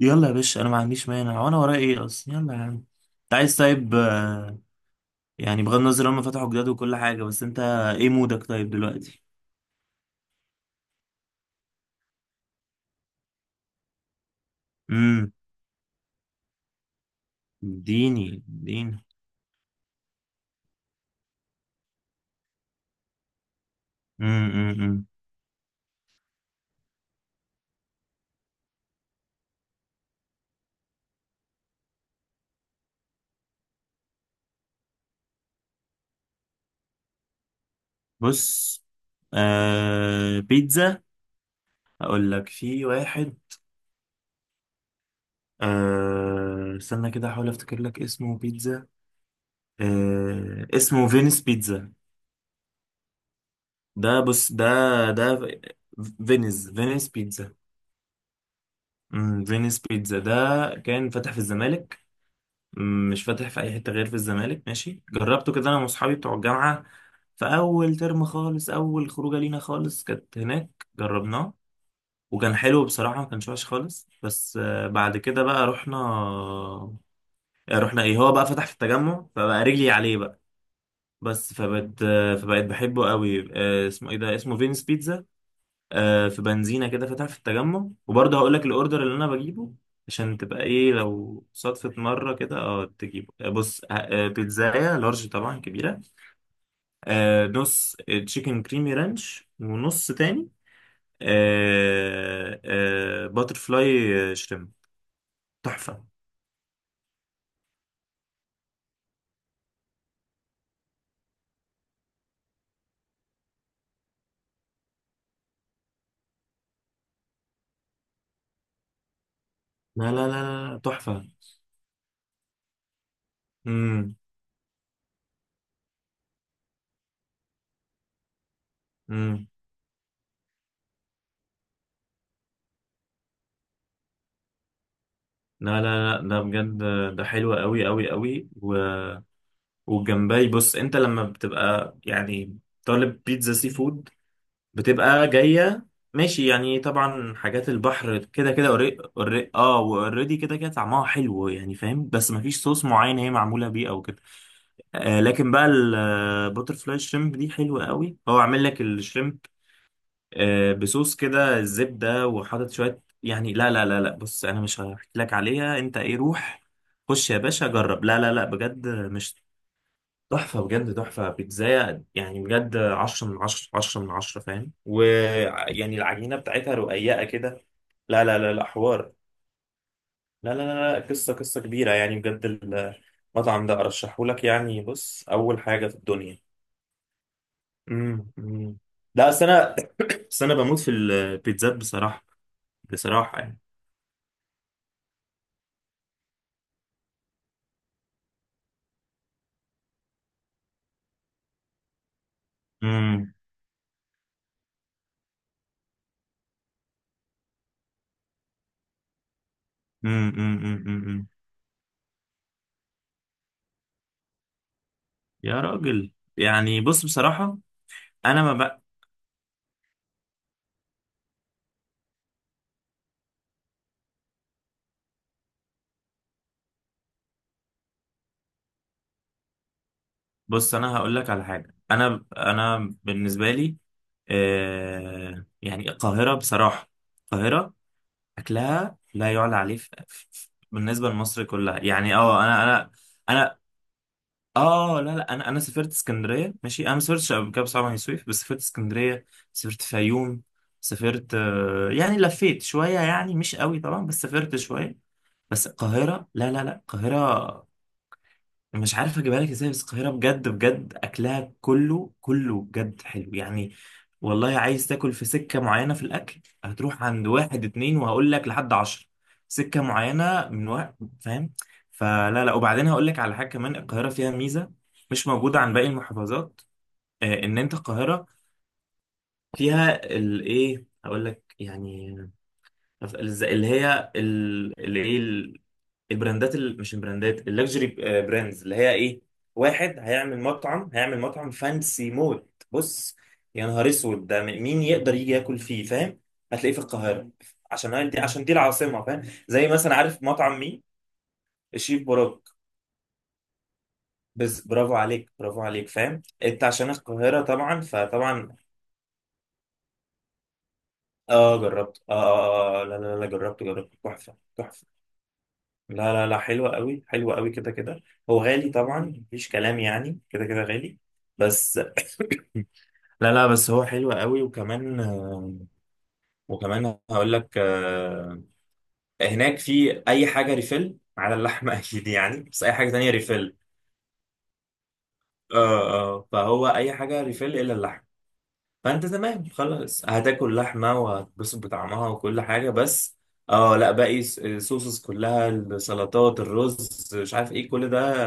يلا يا باشا، انا ما عنديش مانع وانا ورايا ايه اصلا. يلا يا عم. انت عايز طيب؟ يعني بغض النظر هم فتحوا جداد وكل حاجه، بس انت ايه مودك طيب دلوقتي؟ امم. اديني اديني. أمم، أمم. بص. بيتزا. اقول لك في واحد. استنى كده احاول افتكر لك اسمه بيتزا. اسمه فينيس بيتزا. ده. بص ده. ده فينيس بيتزا. فينيس بيتزا ده كان فتح في الزمالك. مش فاتح في اي حته غير في الزمالك، ماشي. جربته كده انا واصحابي بتوع الجامعه في اول ترم خالص، اول خروجه لينا خالص، كانت هناك جربناه. وكان حلو بصراحه، ما كانش وحش خالص. بس بعد كده بقى رحنا. رحنا ايه، هو بقى فتح في التجمع، فبقى رجلي عليه بقى. بس فبقت بحبه قوي. اسمه ايه ده؟ اسمه فينس بيتزا. في بنزينة كده فاتحة في التجمع، وبرضه هقول لك الأوردر اللي أنا بجيبه عشان تبقى إيه لو صدفة مرة كده تجيبه. بص. آه، بيتزاية لارج طبعا كبيرة. نص تشيكن كريمي رانش، ونص تاني باتر فلاي شريمب. تحفة. لا لا لا لا، لا، تحفة. امم. امم. لا لا لا ده بجد. ده حلو قوي قوي قوي والجمبري، بص انت لما بتبقى يعني طالب بيتزا سي فود، بتبقى جاية ماشي يعني. طبعا حاجات البحر كده كده، أوري... أوري... اه واوريدي كده كده طعمها حلو يعني، فاهم؟ بس مفيش صوص معين هي معمولة بيه او كده. لكن بقى البوتر فلاي شريمب دي حلوة قوي، هو عامل لك الشريمب بصوص كده الزبدة، وحاطط شوية يعني. لا لا لا لا، بص انا مش هحكي لك عليها، انت ايه، روح. خش يا باشا جرب. لا لا لا بجد مش. تحفة بجد. تحفة بيتزاية يعني بجد، 10/10 10/10، فاهم؟ ويعني العجينة بتاعتها رقيقة كده. لا لا لا لا، حوار. لا لا لا لا، قصة قصة كبيرة يعني بجد. المطعم ده أرشحهولك يعني. بص، أول حاجة في الدنيا. أمم. لا، أصل أنا بس أنا بموت في البيتزات بصراحة. بصراحة يعني. امم أمم. يا راجل. يعني بص بصراحة. أنا ما ب... بص انا هقول لك على حاجه. انا بالنسبه لي يعني القاهره بصراحه، القاهره اكلها لا يعلى عليه، بالنسبه لمصر كلها يعني. اه انا اه لا لا، انا سافرت اسكندريه ماشي، انا ما سافرتش قبل كده بصراحه بني سويف، بس سافرت اسكندريه. سافرت فيوم. سافرت. يعني لفيت شويه يعني، مش قوي طبعا، بس سافرت شويه. بس القاهره، لا لا لا، القاهره مش عارف اجيبها لك ازاي، بس القاهرة بجد بجد اكلها كله كله بجد حلو يعني. والله عايز تاكل في سكة معينة في الاكل، هتروح عند واحد اتنين وهقول لك لحد 10، سكة معينة من وقت، فاهم؟ فلا لا، وبعدين هقول لك على حاجة كمان، القاهرة فيها ميزة مش موجودة عن باقي المحافظات. ان انت القاهرة فيها الايه، هقول لك يعني. نف- الز- اللي هي ال- اللي ايه ال- البراندات مش البراندات اللكجري، براندز اللي هي ايه. واحد هيعمل مطعم فانسي موت. بص. يا نهار اسود ده، مين يقدر يجي ياكل فيه، فاهم؟ هتلاقيه في القاهره عشان دي العاصمه، فاهم؟ زي مثلا، عارف مطعم مين؟ الشيف براك. بس برافو عليك برافو عليك، فاهم انت، عشان القاهره طبعا فطبعا. اه جربت لا لا لا، جربت تحفه تحفه. لا لا لا، حلوة قوي حلوة قوي كده كده. هو غالي طبعا، مفيش كلام يعني كده كده غالي. بس لا لا، بس هو حلو قوي وكمان وكمان هقول لك هناك في اي حاجه ريفيل على اللحمه اكيد يعني، بس اي حاجه تانية ريفيل. اه اه، فهو اي حاجه ريفيل الا اللحم. فانت تمام خلاص، هتاكل لحمه وهتتبسط بطعمها وكل حاجه. بس اه لا، باقي الصوصز كلها السلطات الرز مش عارف ايه كل ده.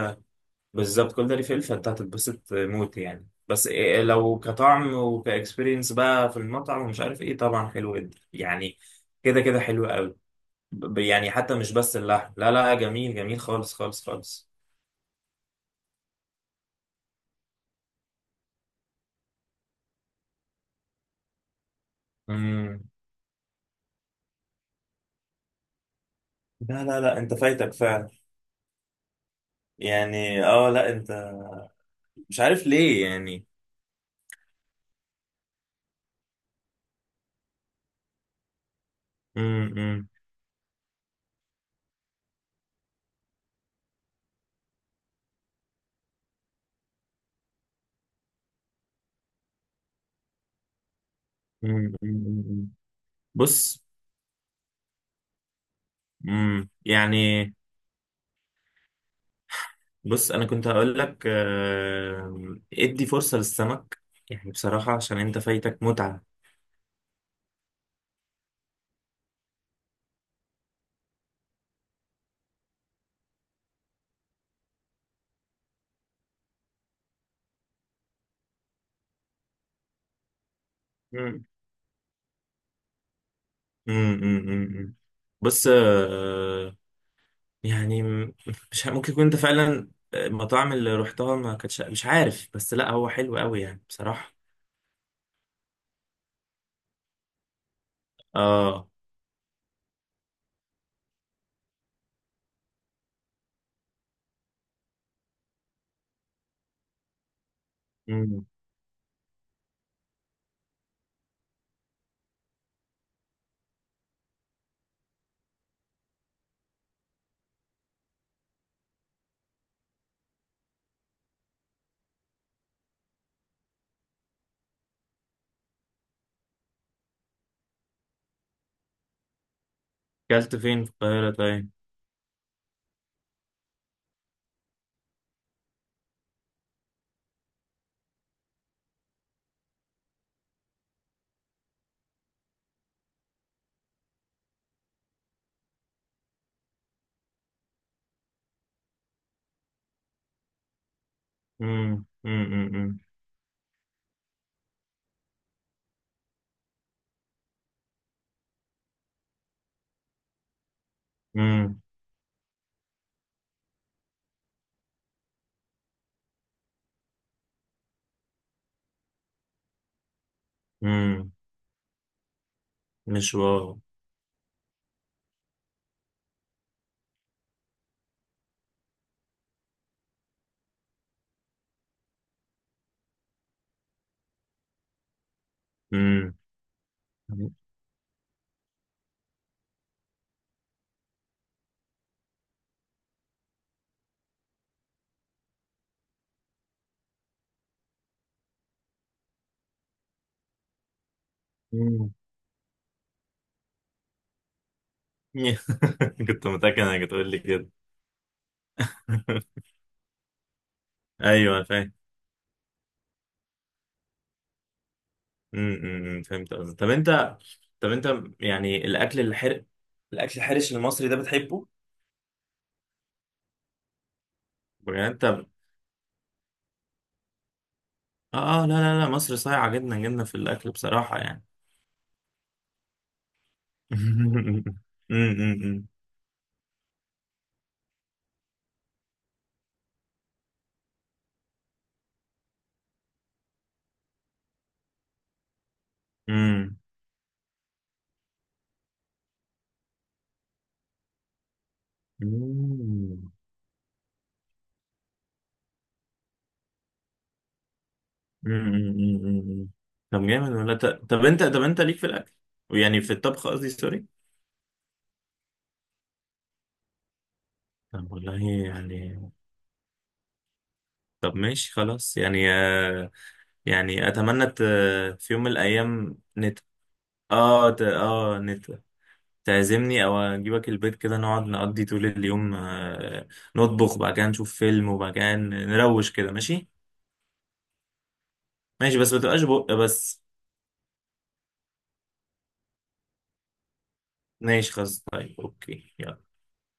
بالظبط كل ده ليه فلفل، فانت هتتبسط موت يعني. بس إيه لو كطعم وكاكسبيرينس بقى في المطعم ومش عارف ايه، طبعا حلو جدا يعني، كده كده حلو قوي. يعني حتى مش بس اللحم، لا لا جميل جميل خالص خالص خالص. امم. لا لا لا، انت فايتك فعلا. يعني لا انت مش عارف ليه يعني. امم امم أمم، أمم. بص. يعني. بص انا كنت هقول لك، ادي فرصة للسمك، يعني بصراحة عشان انت فايتك متعة. مم. مم، مم، مم، مم. بص. آه، يعني م- مش ه- ممكن يكون انت فعلا المطاعم اللي رحتها ما كانتش مش عارف، بس لا هو حلو قوي يعني بصراحة. اه مم. كلت فين في القاهرة طيب؟ مم، مم، مم، مم، مم، مم. مش واو. مم. مم. كنت متأكد انك هتقول لي كده. ايوه، أنا فاهم. أمم، إمم، فهمت قصدك. طب انت. طب انت يعني الاكل الحرش المصري ده بتحبه؟ بجد انت؟ اه اه لا لا لا، مصر صايعه جدا جدا في الاكل بصراحه يعني. امم أمم، أمم، أمم. أمم، أمم، أمم. إمم. طب جامد ولا طب انت ليك في الاكل، ويعني في الطبخ قصدي، سوري. طب والله يعني. طب ماشي خلاص يعني يعني اتمنى في يوم من الايام اه ت... اه نت... تعزمني او اجيبك البيت كده، نقعد نقضي طول اليوم، نطبخ، وبعد كده نشوف فيلم، وبعد كده نروش كده، ماشي؟ ماشي بس ما تبقاش بق بس. ماشي خلاص، طيب، اوكي، يلا.